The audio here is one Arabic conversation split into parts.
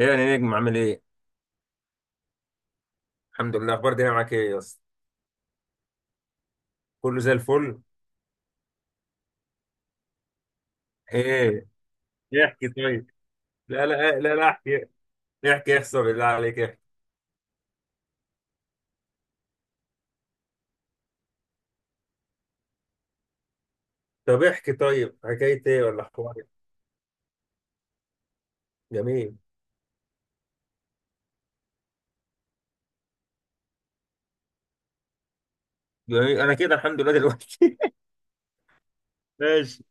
ايه يا نجم، عامل ايه؟ الحمد لله. اخبار الدنيا معاك ايه يا اسطى؟ كله زي الفل؟ ايه؟ احكي طيب. لا لا لا لا، احكي. احكي، احسن بالله عليك احكي. طب احكي طيب، حكاية ايه ولا حوار إيه؟ جميل. جميل، انا كده الحمد لله دلوقتي. ماشي.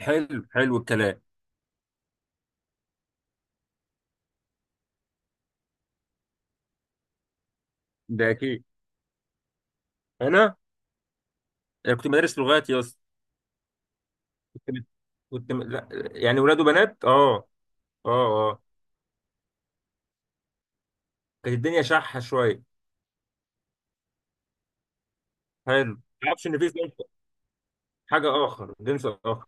حلو حلو الكلام. ده اكيد. انا أنا كنت مدرس لغات يا اسطى. كنت كنت لا يعني ولاد وبنات، اه. اه. اه، كانت الدنيا شحة شوية. حلو ما. اعرفش ان في حاجة، اخر جنس اخر.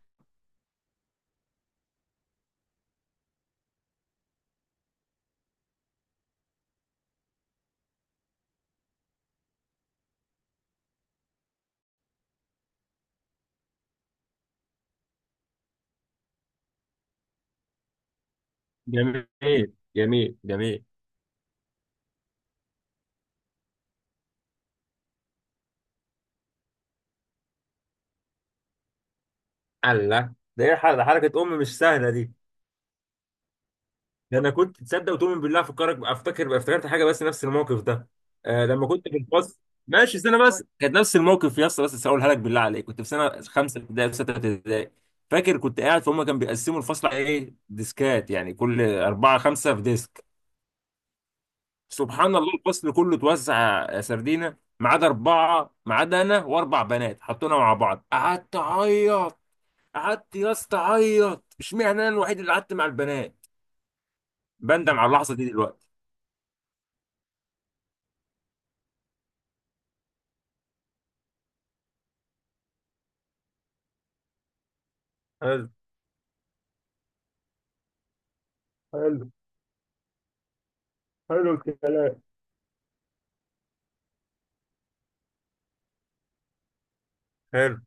جميل جميل جميل. الله، ده ايه حركه حركه، ام مش سهله دي. ده انا كنت تصدق وتؤمن بالله، افكرك افتكر افتكرت حاجه بس نفس الموقف ده. آه لما كنت في الفصل. ماشي، سنه بس. كانت نفس الموقف يا اسطى، بس هقولها لك بالله عليك. كنت في سنه خمسه ابتدائي في سته ابتدائي. فاكر كنت قاعد فهم، كانوا بيقسموا الفصل على ايه، ديسكات، يعني كل اربعه خمسه في ديسك. سبحان الله، الفصل كله اتوزع يا سردينه ما عدا اربعه. ما عدا انا واربع بنات، حطونا مع بعض. قعدت اعيط. قعدت يا اسطى اعيط، اشمعنى انا الوحيد اللي قعدت مع البنات. بندم على اللحظه دي دلوقتي. حلو حلو حلو الكلام. حلو.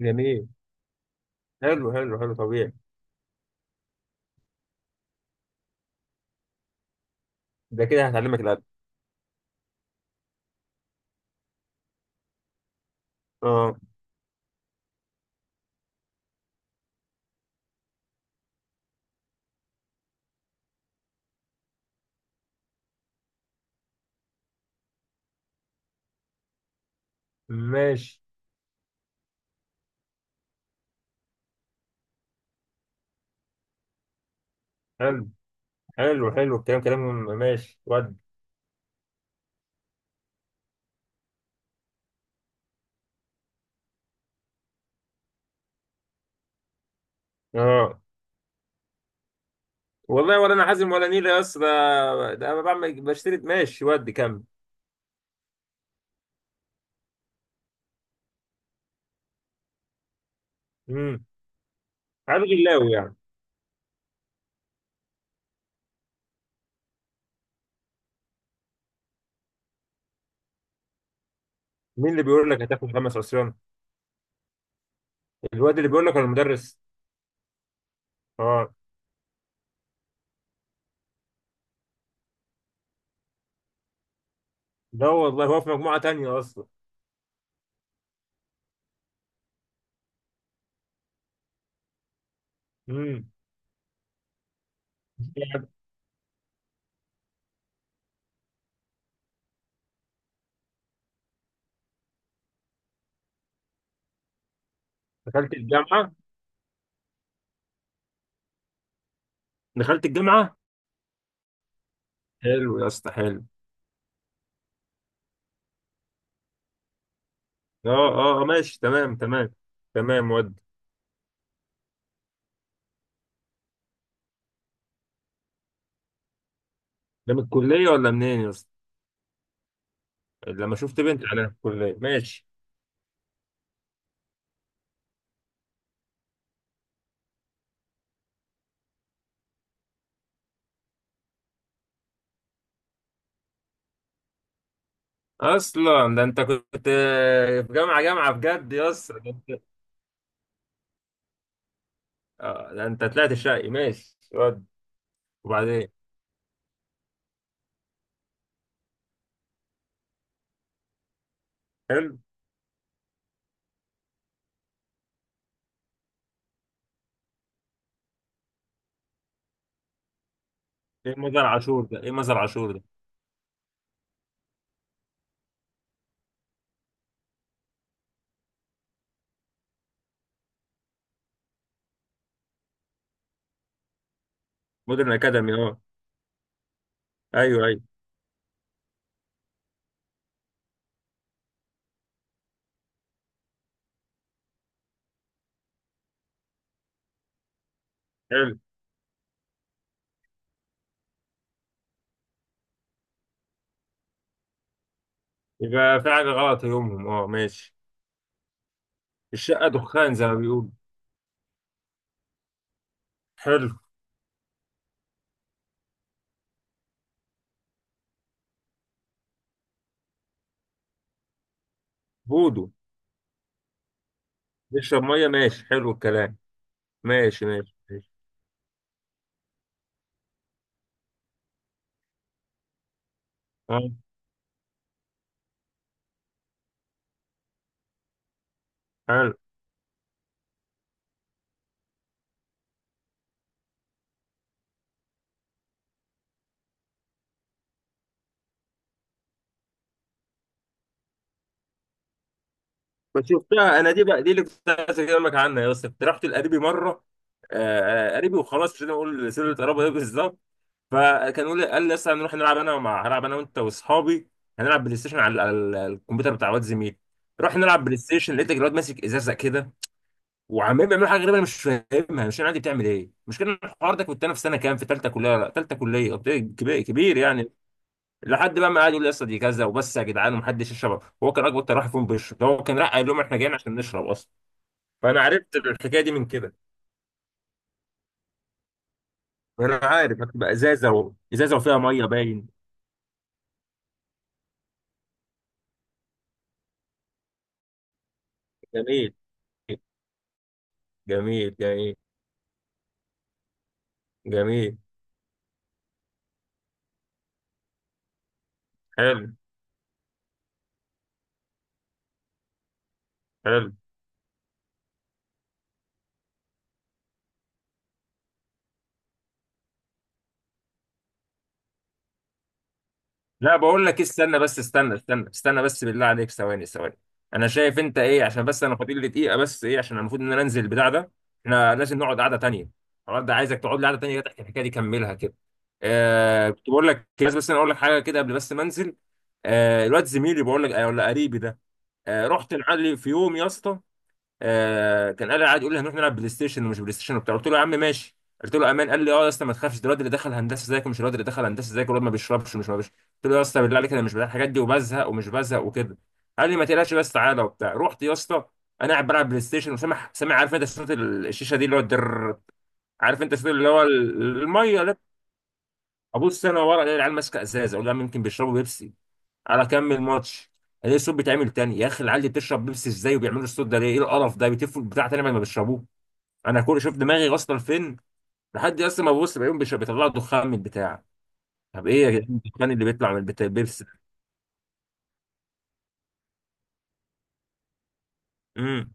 جميل. حلو حلو حلو، طبيعي. ده كده هتعلمك الأدب. اه، ماشي. حلو حلو حلو الكلام كلام. ماشي ود. اه. والله ولا انا حازم ولا نيلة يا اسطى. ده انا بعمل بشتري، ماشي ود، كمل. امم. عاد غلاوي يعني. مين اللي بيقول لك هتاخد خمس عصيان؟ الواد اللي بيقول لك ولا المدرس؟ اه. ده والله هو في مجموعة تانية اصلا. امم. دخلت الجامعة. دخلت الجامعة. حلو يا اسطى حلو. اه. اه. ماشي، تمام تمام. تمام ود. ده من الكلية ولا منين يا اسطى؟ لما شفت بنت انا في الكلية، ماشي. اصلا ده انت كنت، في جامعة جامعة بجد يا اسطى، ده انت. ده انت طلعت شقي، ماشي ود. وبعدين. حلو. ايه مزار عاشور ده؟ ايه مزار عاشور ده؟ مودرن اكاديمي، اه. ايوه ايوه. حلو. يبقى في حاجة غلط يومهم، اه ماشي. الشقة دخان زي ما بيقولوا. حلو. بودو. بيشرب ميه، ماشي، حلو الكلام. ماشي ماشي ماشي. اه. حلو. بس شفتها انا دي بقى، دي اللي كنت عايز اكلمك عنها يا اسطى. كنت رحت لقريبي مره. قريبي وخلاص، مش هنقول سر القرابه ايه بالظبط. فكان يقول لي، قال لي لسه هنروح نلعب، انا مع هلعب انا وانت واصحابي. هنلعب بلاي ستيشن على الكمبيوتر بتاع واد زميلي. رحنا نلعب بلاي ستيشن، لقيت الواد ماسك ازازه كده، وعمال بيعملوا حاجه غريبه انا مش فاهمها. مش انا عادي بتعمل ايه، مش كان الحوار ده. كنت انا في سنه كام؟ في ثالثه كليه. لا ثالثه كليه، قلت كبير كبير يعني. لحد بقى ما قعد يقول لي، يا اسطى دي كذا وبس، يا جدعان ومحدش يشرب، هو كان اكبر ترحم فيهم بيشرب ده. هو كان راح قال لهم احنا جايين عشان نشرب اصلا. فانا عرفت الحكايه دي من كده. انا عارف هتبقى ازازه و ازازه وفيها ميه باين. جميل جميل جميل جميل. حلو حلو. لا بقول لك استنى بس، استنى استنى استنى بس، بالله عليك ثواني ثواني. انا شايف انت ايه، عشان بس انا فاضل لي دقيقه بس، ايه عشان المفروض ان انا انزل البتاع ده. احنا لازم نقعد قعده تانيه. الحوار ده عايزك تقعد لي قعده تانيه كده تحكي الحكايه دي، كملها كده. آه كنت بقول لك، بس انا اقول لك حاجه كده قبل بس ما انزل. آه، الواد زميلي بقول لك، ولا قريبي ده. آه، رحت لعلي في يوم يا اسطى. آه كان قال، قاعد يقول لي هنروح نلعب بلاي ستيشن ومش بلاي ستيشن وبتاع، قلت له يا عم ماشي. قلت له امان، قال لي اه يا اسطى ما تخافش، ده الواد اللي دخل هندسه زيك ومش الواد اللي دخل هندسه زيك، والواد ما بيشربش ومش ما بيشربش. قلت له يا اسطى بالله عليك، انا مش بتاع الحاجات دي، وبزهق ومش بزهق وكده. قال لي ما تقلقش بس تعالى وبتاع، رحت يا اسطى. انا قاعد بلعب بلاي ستيشن، وسامع عارف انت صوت الشيشه دي، اللي هو الدر. عارف انت صوت اللي هو الميه ده. ابص انا ورا، الاقي العيال ماسكه ازازه، اقول لها يمكن بيشربوا بيبسي. على كمل ماتش. الاقي الصوت بيتعمل تاني. يا اخي العيال دي بتشرب بيبسي ازاي وبيعملوا الصوت ده ليه؟ ايه القرف ده، بيتفوا البتاع تاني بعد ما بيشربوه. انا كل شوف دماغي واصله لفين. لحد اصلا ما ببص، بلاقيهم بيطلعوا دخان من البتاع. طب ايه يا جدعان، الدخان اللي بيطلع من البتاع بيبسي؟ امم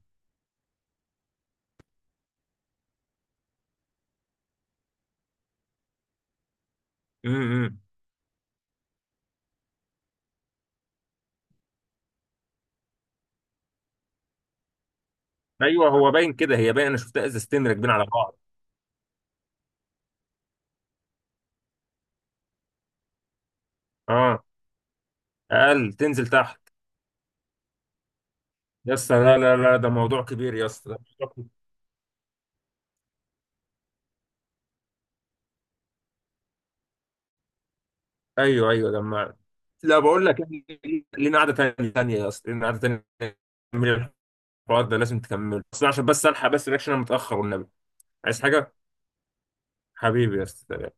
امم امم. ايوه هو باين كده، هي باين، انا شفتها ازازتين راكبين على بعض. اه. اقل تنزل تحت. يا اسطى لا لا لا، ده موضوع كبير، يا اسطى ده موضوع كبير. ايوه ايوه لما. لا بقول لك، إحنا لينا قعده تانيه تانيه يا اسطى، لينا قعده تانيه. من الحوار ده لازم تكمله، بس عشان بس الحق بس رياكشن انا متاخر والنبي. عايز حاجه. حبيبي يا اسطى.